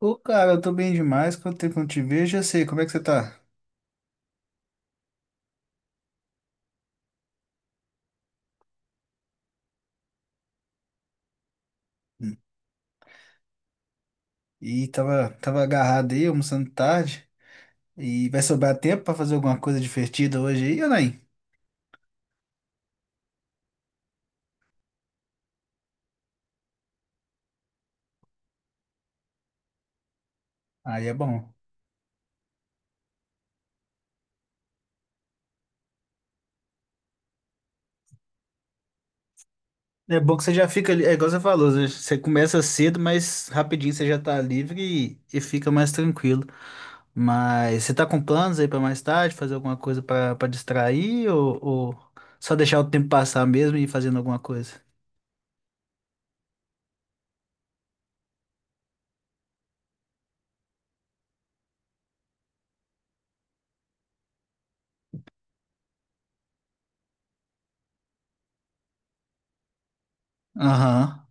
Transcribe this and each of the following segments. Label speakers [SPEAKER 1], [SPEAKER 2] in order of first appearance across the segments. [SPEAKER 1] Ô, cara, eu tô bem demais. Quanto tempo eu não te vejo? Já sei, como é que você tá? E tava agarrado aí, almoçando tarde. E vai sobrar tempo pra fazer alguma coisa divertida hoje aí, ou nem? Aí é bom. É bom que você já fica ali, é igual você falou, você começa cedo, mas rapidinho você já tá livre e fica mais tranquilo. Mas você tá com planos aí pra mais tarde, fazer alguma coisa pra distrair, ou só deixar o tempo passar mesmo e ir fazendo alguma coisa? Aham.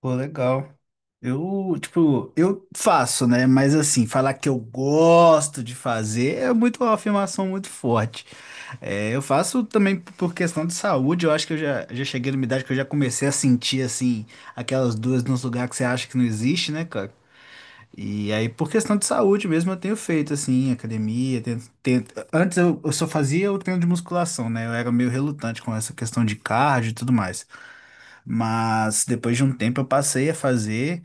[SPEAKER 1] Pô, legal. Eu, tipo, eu faço, né? Mas assim, falar que eu gosto de fazer é muito uma afirmação muito forte. É, eu faço também por questão de saúde, eu acho que eu já cheguei numa idade que eu já comecei a sentir, assim, aquelas dores nos lugares que você acha que não existe, né, cara? E aí, por questão de saúde mesmo, eu tenho feito, assim, academia, antes eu só fazia o treino de musculação, né? Eu era meio relutante com essa questão de cardio e tudo mais. Mas depois de um tempo eu passei a fazer.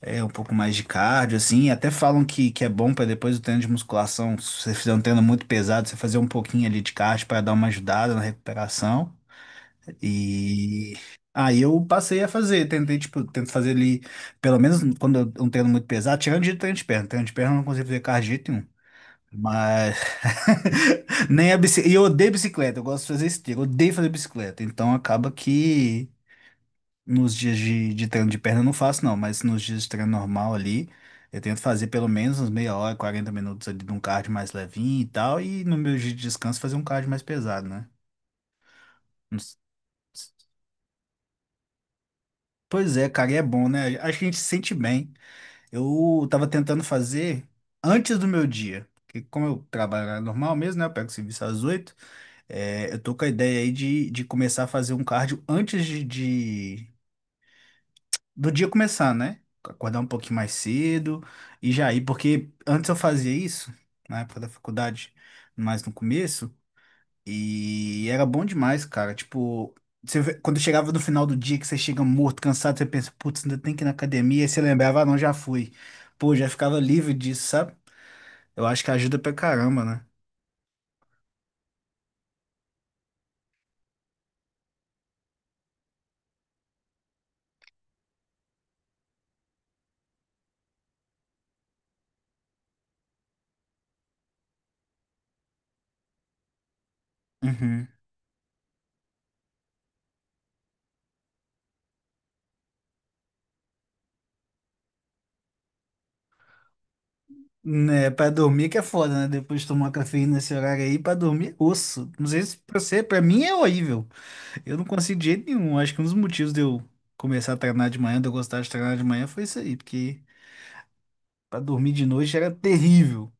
[SPEAKER 1] É um pouco mais de cardio, assim. Até falam que é bom para depois do treino de musculação, se você fizer um treino muito pesado, você fazer um pouquinho ali de cardio para dar uma ajudada na recuperação. E aí eu passei a fazer, tentei, tipo, tento fazer ali, pelo menos quando eu um treino muito pesado, tirando de treino de perna. Treino de perna eu não consigo fazer cardio de jeito nenhum. Mas nem a bicicleta. E eu odeio bicicleta, eu gosto de fazer esteira, eu odeio fazer bicicleta. Então acaba que nos dias de treino de perna eu não faço, não, mas nos dias de treino normal ali, eu tento fazer pelo menos uns meia hora, 40 minutos ali de um cardio mais levinho e tal, e no meu dia de descanso fazer um cardio mais pesado, né? Não. S- Pois é, cara, e é bom, né? Acho que a gente se sente bem. Eu tava tentando fazer antes do meu dia, porque como eu trabalho normal mesmo, né? Eu pego serviço às 8. Eu tô com a ideia aí de começar a fazer um cardio antes de do dia começar, né? Acordar um pouquinho mais cedo e já ir, porque antes eu fazia isso, na época da faculdade, mais no começo, e era bom demais, cara. Tipo, quando chegava no final do dia, que você chega morto, cansado, você pensa, putz, ainda tem que ir na academia, e você lembrava, ah, não, já fui. Pô, já ficava livre disso, sabe? Eu acho que ajuda pra caramba, né? Uhum. Né, pra dormir que é foda, né? Depois de tomar cafeína nesse horário aí, pra dormir, é osso. Não sei se pra você, pra mim é horrível. Eu não consigo de jeito nenhum. Acho que um dos motivos de eu começar a treinar de manhã, de eu gostar de treinar de manhã, foi isso aí, porque pra dormir de noite era terrível.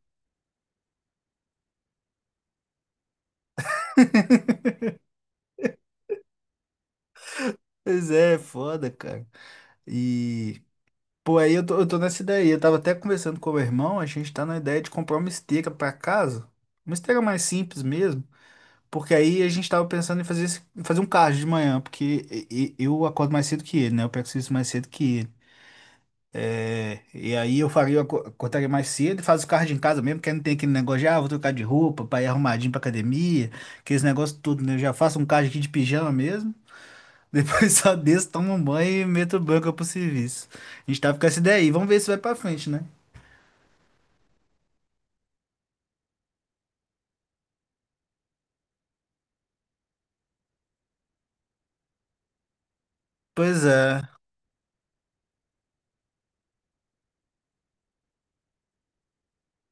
[SPEAKER 1] Pois é, foda, cara. E, pô, aí eu tô nessa ideia aí. Eu tava até conversando com o meu irmão, a gente tá na ideia de comprar uma esteira pra casa, uma esteira mais simples mesmo, porque aí a gente tava pensando em fazer, em fazer um cardio de manhã, porque eu acordo mais cedo que ele, né? Eu pego serviço mais cedo que ele. E aí eu faria, eu aco- acordaria mais cedo e faz o cardio em casa mesmo, porque aí não tem aquele negócio de, ah, vou trocar de roupa pra ir arrumadinho pra academia, aqueles negócios tudo, né? Eu já faço um cardio aqui de pijama mesmo, depois só desço, tomo um banho e meto banca pro serviço. A gente tá com essa ideia aí, vamos ver se vai pra frente, né? Pois é.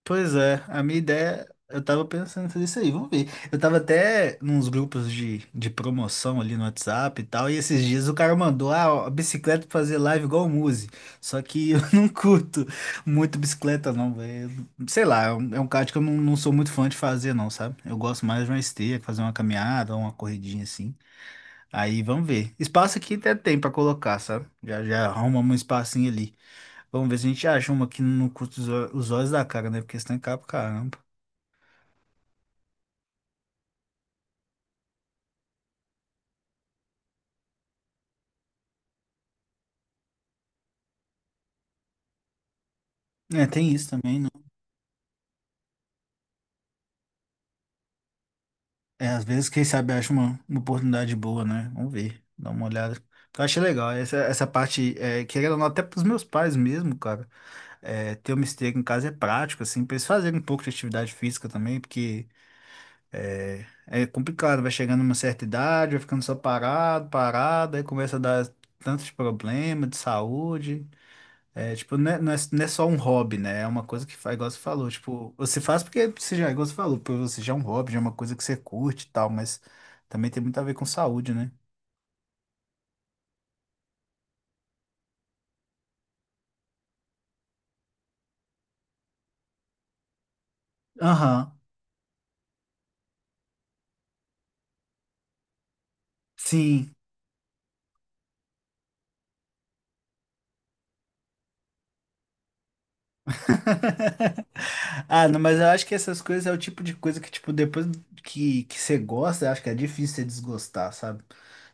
[SPEAKER 1] Pois é, a minha ideia, eu tava pensando em fazer isso aí, vamos ver. Eu tava até nos grupos de promoção ali no WhatsApp e tal, e esses dias o cara mandou, a bicicleta pra fazer live igual o Muzi. Só que eu não curto muito bicicleta, não, velho. Sei lá, é um kart que eu não sou muito fã de fazer, não, sabe? Eu gosto mais de uma esteira, fazer uma caminhada, uma corridinha assim. Aí vamos ver. Espaço aqui até tem pra colocar, sabe? Já arrumamos um espacinho ali. Vamos ver se a gente acha uma que não custa os olhos da cara, né? Porque senão é caro pra caramba. É, tem isso também, né? É, às vezes, quem sabe, acha uma oportunidade boa, né? Vamos ver, dá uma olhada. Eu achei legal, essa parte, querendo ou não, até pros meus pais mesmo, cara, ter uma esteira em casa é prático, assim, pra eles fazerem um pouco de atividade física também, porque é complicado, vai chegando uma certa idade, vai ficando só parado, parado, aí começa a dar tanto de problema de saúde. É, tipo, não é só um hobby, né? É uma coisa que faz, igual você falou, tipo, você faz porque você já, igual você falou, porque você já é um hobby, já é uma coisa que você curte e tal, mas também tem muito a ver com saúde, né? Aham, sim. Ah, não, mas eu acho que essas coisas é o tipo de coisa que, tipo, depois que você gosta, eu acho que é difícil você desgostar, sabe?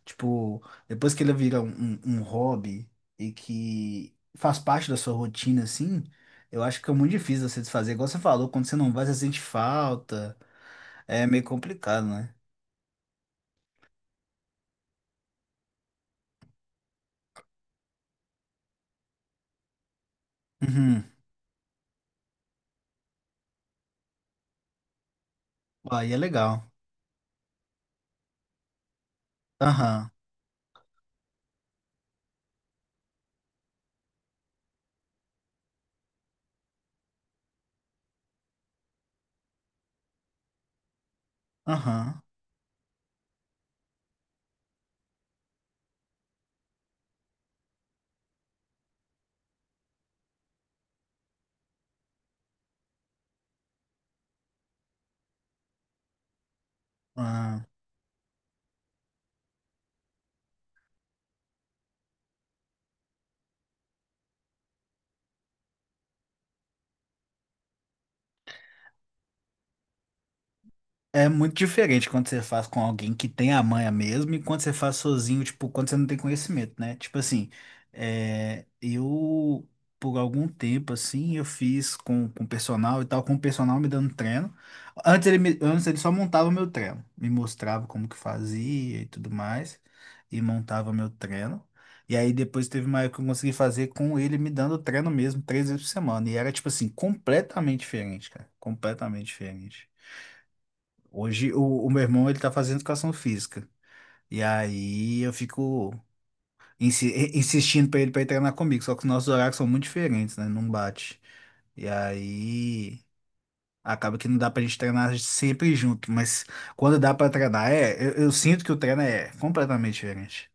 [SPEAKER 1] Tipo, depois que ele vira um hobby e que faz parte da sua rotina, assim, eu acho que é muito difícil você desfazer. Igual você falou, quando você não vai, você sente falta. É meio complicado, né? Uhum. Aí é legal. Aham, aham, aham. É muito diferente quando você faz com alguém que tem a manha mesmo e quando você faz sozinho, tipo, quando você não tem conhecimento, né? Tipo assim, é, eu, por algum tempo, assim, eu fiz com o personal e tal, com o personal me dando treino. Antes ele só montava o meu treino, me mostrava como que fazia e tudo mais, e montava meu treino. E aí depois teve uma época que eu consegui fazer com ele me dando treino mesmo, três vezes por semana. E era, tipo assim, completamente diferente, cara. Completamente diferente. Hoje o meu irmão ele tá fazendo educação física. E aí eu fico insistindo pra ele para treinar comigo, só que os nossos horários são muito diferentes, né? Não bate. E aí acaba que não dá pra gente treinar sempre junto, mas quando dá pra treinar, eu sinto que o treino é completamente diferente.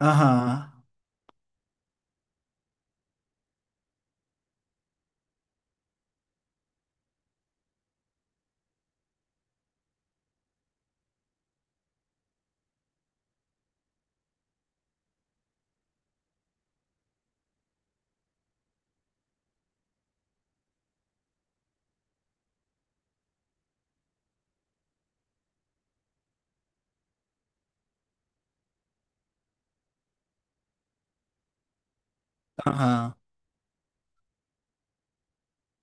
[SPEAKER 1] Aham, aham.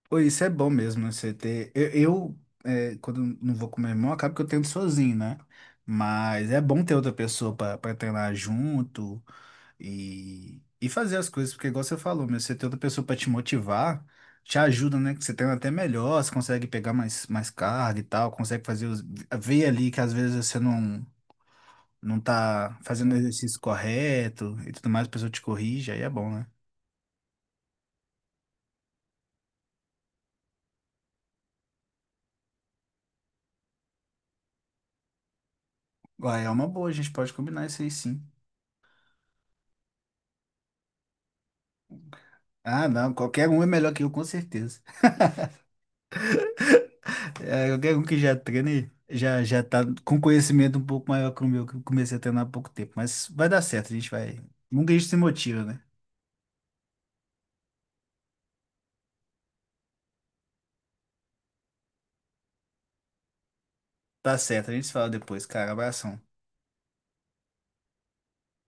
[SPEAKER 1] Pô, isso é bom mesmo, né? Você ter. Quando eu não vou com meu irmão, acaba que eu treino sozinho, né? Mas é bom ter outra pessoa pra treinar junto. E fazer as coisas, porque igual você falou, meu, você ter outra pessoa pra te motivar, te ajuda, né? Que você treina até melhor, você consegue pegar mais carga e tal, consegue fazer ver ali que às vezes você não tá fazendo o exercício correto e tudo mais, a pessoa te corrige, aí é bom, né? Uai, é uma boa, a gente pode combinar isso aí sim. Ah, não, qualquer um é melhor que eu, com certeza. É, qualquer um que já treina e já tá com conhecimento um pouco maior que o meu, que eu comecei a treinar há pouco tempo. Mas vai dar certo, a gente vai. Nunca a gente se motiva, né? Tá certo, a gente se fala depois, cara. Abração.